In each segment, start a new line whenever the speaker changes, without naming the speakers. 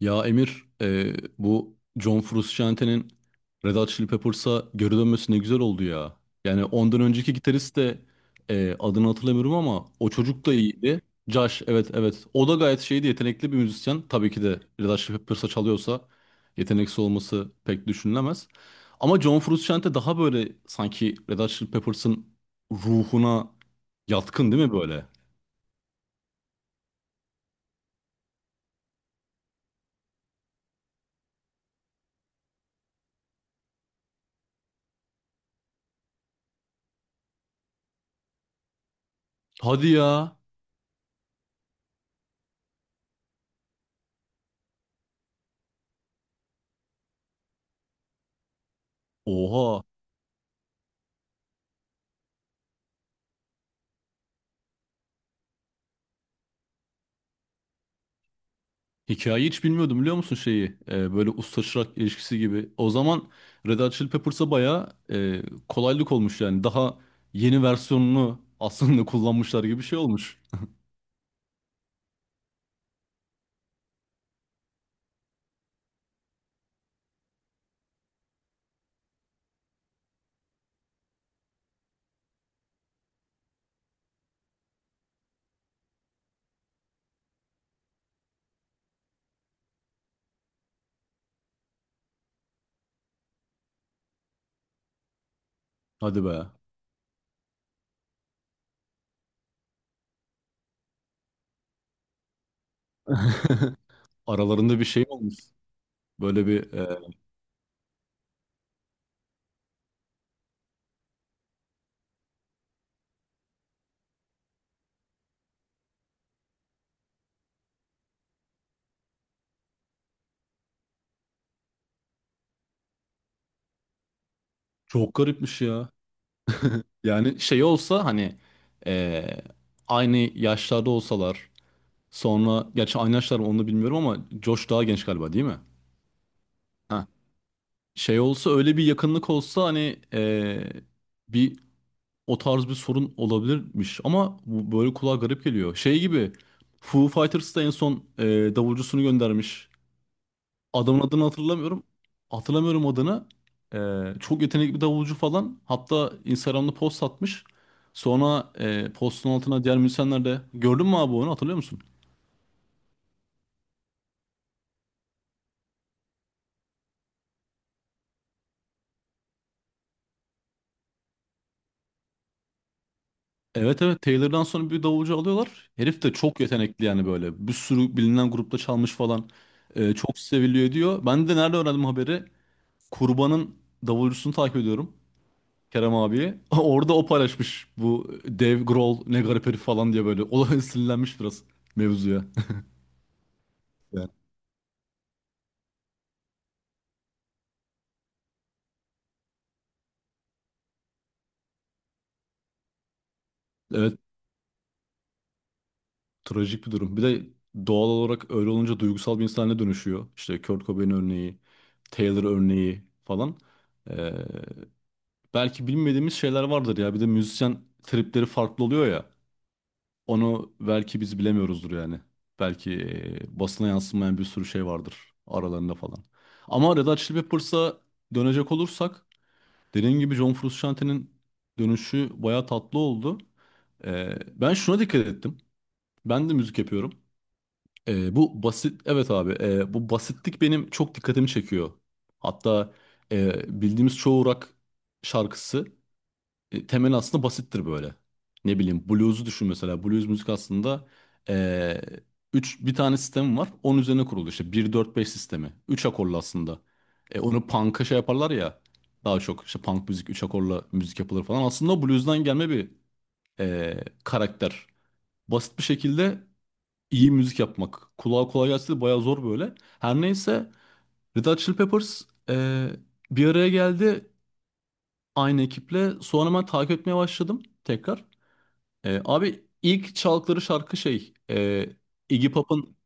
Ya Emir, bu John Frusciante'nin Red Hot Chili Peppers'a geri dönmesi ne güzel oldu ya. Yani ondan önceki gitarist de adını hatırlamıyorum ama o çocuk da iyiydi. Josh, evet evet. O da gayet şeydi, yetenekli bir müzisyen. Tabii ki de Red Hot Chili Peppers'a çalıyorsa yeteneksiz olması pek düşünülemez. Ama John Frusciante daha böyle sanki Red Hot Chili Peppers'ın ruhuna yatkın değil mi böyle? Hadi ya. Oha. Hikayeyi hiç bilmiyordum biliyor musun şeyi? Böyle usta çırak ilişkisi gibi. O zaman Red Hot Chili Peppers'a bayağı kolaylık olmuş yani. Daha yeni versiyonunu aslında kullanmışlar gibi bir şey olmuş. Hadi be. Aralarında bir şey olmuş. Böyle bir çok garipmiş ya. Yani şey olsa hani e, aynı yaşlarda olsalar sonra gerçi aynı yaşlar mı onu da bilmiyorum ama Josh daha genç galiba değil mi? Ha. Şey olsa öyle bir yakınlık olsa hani bir O tarz bir sorun olabilirmiş ama bu böyle kulağa garip geliyor. Şey gibi Foo Fighters da en son davulcusunu göndermiş. Adamın adını hatırlamıyorum. Hatırlamıyorum adını. E, Çok yetenekli bir davulcu falan. Hatta Instagram'da post atmış. Sonra postun altına diğer müzisyenler de gördün mü abi onu hatırlıyor musun? Evet evet, Taylor'dan sonra bir davulcu alıyorlar. Herif de çok yetenekli yani böyle. Bir sürü bilinen grupta çalmış falan. Çok seviliyor diyor. Ben de nerede öğrendim haberi? Kurban'ın davulcusunu takip ediyorum. Kerem abiyi. Orada o paylaşmış bu Dave Grohl ne garip herif falan diye böyle. O sinirlenmiş biraz mevzuya. Yani evet, trajik bir durum. Bir de doğal olarak öyle olunca duygusal bir insana dönüşüyor. İşte Kurt Cobain örneği, Taylor örneği falan. Ee, Belki bilmediğimiz şeyler vardır ya. Bir de müzisyen tripleri farklı oluyor ya. Onu belki biz bilemiyoruzdur yani. Belki basına yansımayan bir sürü şey vardır aralarında falan. Ama Red Hot Chili Peppers'a dönecek olursak dediğim gibi John Frusciante'nin dönüşü bayağı tatlı oldu. E, ben şuna dikkat ettim. Ben de müzik yapıyorum. E, bu basit, evet abi, bu basitlik benim çok dikkatimi çekiyor. Hatta bildiğimiz çoğu rock şarkısı temeli aslında basittir böyle. Ne bileyim blues'u düşün mesela. Blues müzik aslında e, üç, bir tane sistemi var. Onun üzerine kurulu işte bir dört beş sistemi. Üç akorlu aslında. E, onu punk'a şey yaparlar ya. Daha çok işte punk müzik 3 akorla müzik yapılır falan. Aslında o blues'dan gelme bir karakter. Basit bir şekilde iyi müzik yapmak. Kulağa kolay gelse de bayağı zor böyle. Her neyse, Red Hot Chili Peppers e, bir araya geldi aynı ekiple. Sonra ben takip etmeye başladım tekrar. Abi ilk çaldıkları şarkı şey, Iggy Pop'un,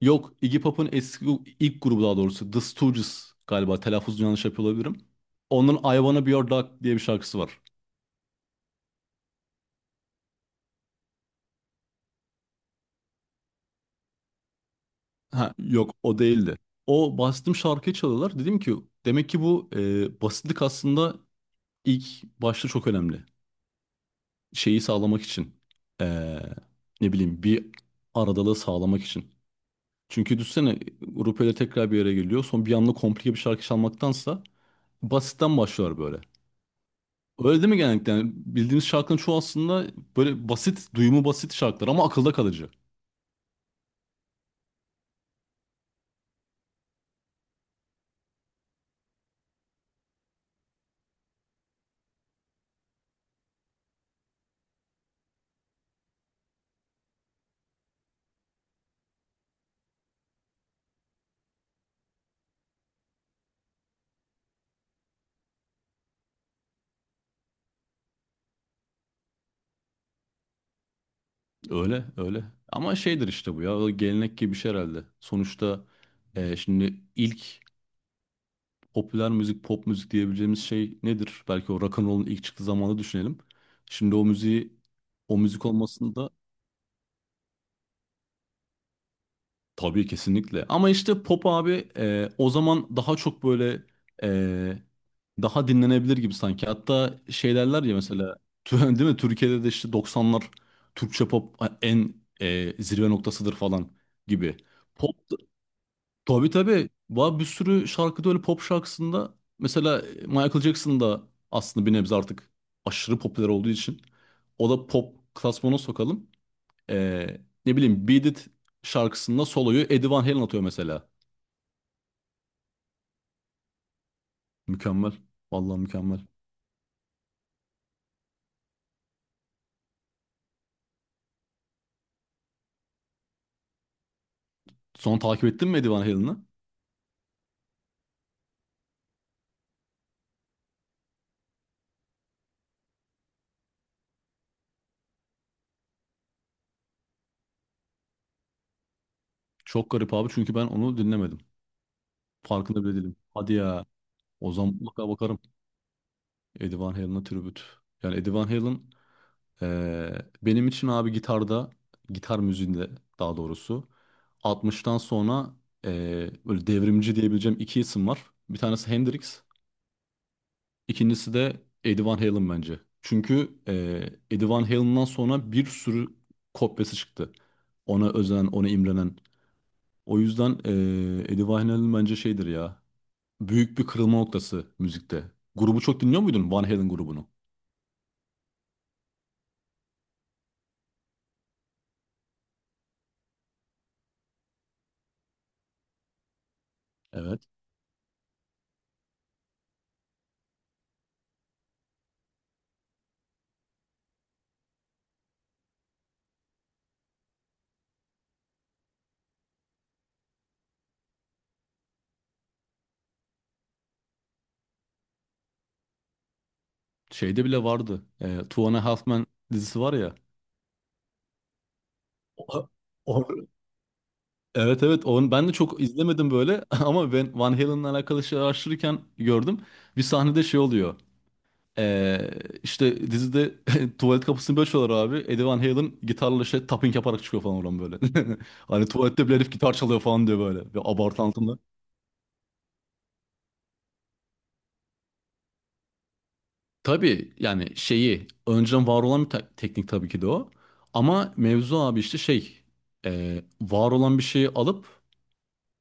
yok, Iggy Pop'un eski ilk grubu daha doğrusu, The Stooges galiba, telaffuzunu yanlış yapıyor olabilirim. Onun I Wanna Be Your Dog diye bir şarkısı var. Ha, yok o değildi. O bastım şarkıyı çalıyorlar. Dedim ki demek ki bu basitlik aslında ilk başta çok önemli. Şeyi sağlamak için, e, ne bileyim, bir aradalığı sağlamak için. Çünkü düşünsene grup öyle tekrar bir yere geliyor. Son bir anda komplike bir şarkı çalmaktansa basitten başlar böyle. Öyle değil mi genellikle? Yani bildiğimiz şarkının çoğu aslında böyle basit, duyumu basit şarkılar ama akılda kalıcı. Öyle, öyle. Ama şeydir işte bu ya, o gelenek gibi bir şey herhalde. Sonuçta şimdi ilk popüler müzik, pop müzik diyebileceğimiz şey nedir? Belki o rock and roll'un ilk çıktığı zamanı düşünelim. Şimdi o müziği, o müzik olmasında, tabii kesinlikle. Ama işte pop abi, o zaman daha çok böyle e, daha dinlenebilir gibi sanki. Hatta şey derler ya mesela değil mi? Türkiye'de de işte 90'lar Türkçe pop en zirve noktasıdır falan gibi. Pop, tabii tabii. Var bir sürü şarkıda öyle, pop şarkısında mesela Michael Jackson da aslında bir nebze artık aşırı popüler olduğu için o da pop klasmana sokalım. Ee, Ne bileyim, Beat It şarkısında soloyu Eddie Van Halen atıyor mesela. Mükemmel. Vallahi mükemmel. Sonra takip ettin mi Eddie Van Halen'ı? Çok garip abi, çünkü ben onu dinlemedim. Farkında bile değilim. Hadi ya. O zaman mutlaka bakarım. Eddie Van Halen'a tribüt. Yani Eddie Van Halen ee, benim için abi gitarda, gitar müziğinde daha doğrusu, 60'tan sonra böyle devrimci diyebileceğim iki isim var. Bir tanesi Hendrix. İkincisi de Eddie Van Halen bence. Çünkü Eddie Van Halen'dan sonra bir sürü kopyası çıktı. Ona özen, ona imrenen. O yüzden Eddie Van Halen bence şeydir ya. Büyük bir kırılma noktası müzikte. Grubu çok dinliyor muydun Van Halen grubunu? Evet. Şeyde bile vardı. Two and a Half Men dizisi var ya. O- o- evet evet, onu ben de çok izlemedim böyle ama ben Van Halen'la alakalı şey araştırırken gördüm. Bir sahnede şey oluyor. Ee, işte dizide tuvalet kapısını böyle çalıyorlar abi. Eddie Van Halen gitarla şey tapping yaparak çıkıyor falan oradan böyle. Hani tuvalette bile herif gitar çalıyor falan diyor böyle. Ve abartı altında. Tabii yani şeyi önceden var olan bir teknik tabii ki de o. Ama mevzu abi işte şey, var olan bir şeyi alıp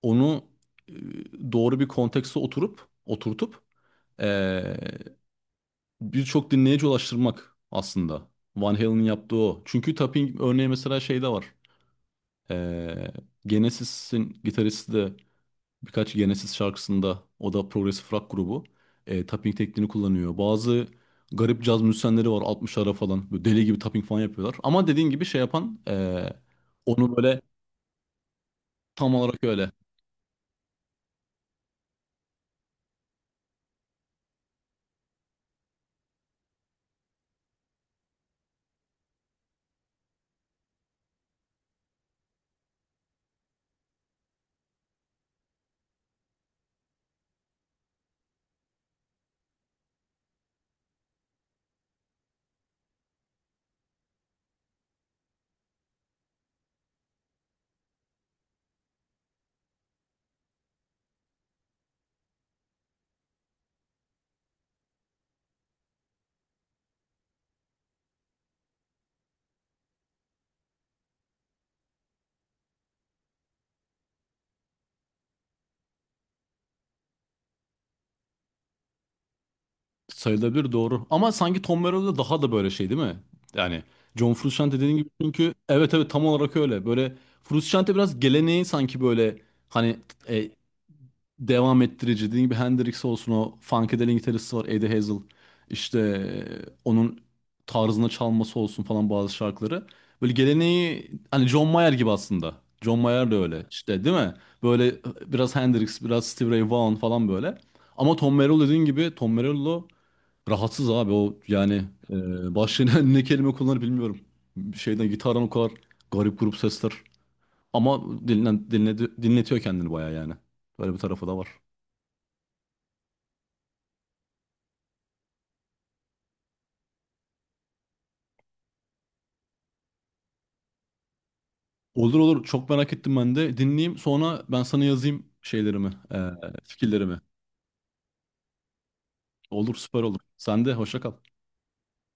onu doğru bir kontekste oturup oturtup, e, birçok dinleyici ulaştırmak aslında. Van Halen'in yaptığı o. Çünkü tapping örneği mesela şeyde var. Ee, Genesis'in gitaristi de birkaç Genesis şarkısında, o da progresif rock grubu, tapping tekniğini kullanıyor. Bazı garip caz müzisyenleri var 60'lara falan, böyle deli gibi tapping falan yapıyorlar. Ama dediğin gibi şey yapan onu böyle tam olarak öyle sayılabilir, doğru. Ama sanki Tom Morello'da daha da böyle şey değil mi? Yani John Frusciante dediğin gibi çünkü evet evet, tam olarak öyle. Böyle Frusciante biraz geleneği sanki böyle, hani e, devam ettirici. Dediğim gibi Hendrix olsun, o funkadelic gitaristi var Eddie Hazel. İşte onun tarzına çalması olsun falan bazı şarkıları. Böyle geleneği hani John Mayer gibi aslında. John Mayer de öyle işte değil mi? Böyle biraz Hendrix, biraz Stevie Ray Vaughan falan böyle. Ama Tom Morello dediğin gibi, Tom Morello rahatsız abi o yani, başlığına ne kelime kullanır bilmiyorum. Şeyden gitardan o kadar garip grup sesler. Ama dinletiyor kendini bayağı yani. Böyle bir tarafı da var. Olur olur. Çok merak ettim ben de. Dinleyeyim. Sonra ben sana yazayım şeylerimi, fikirlerimi. Olur, süper olur. Sen de hoşça kal.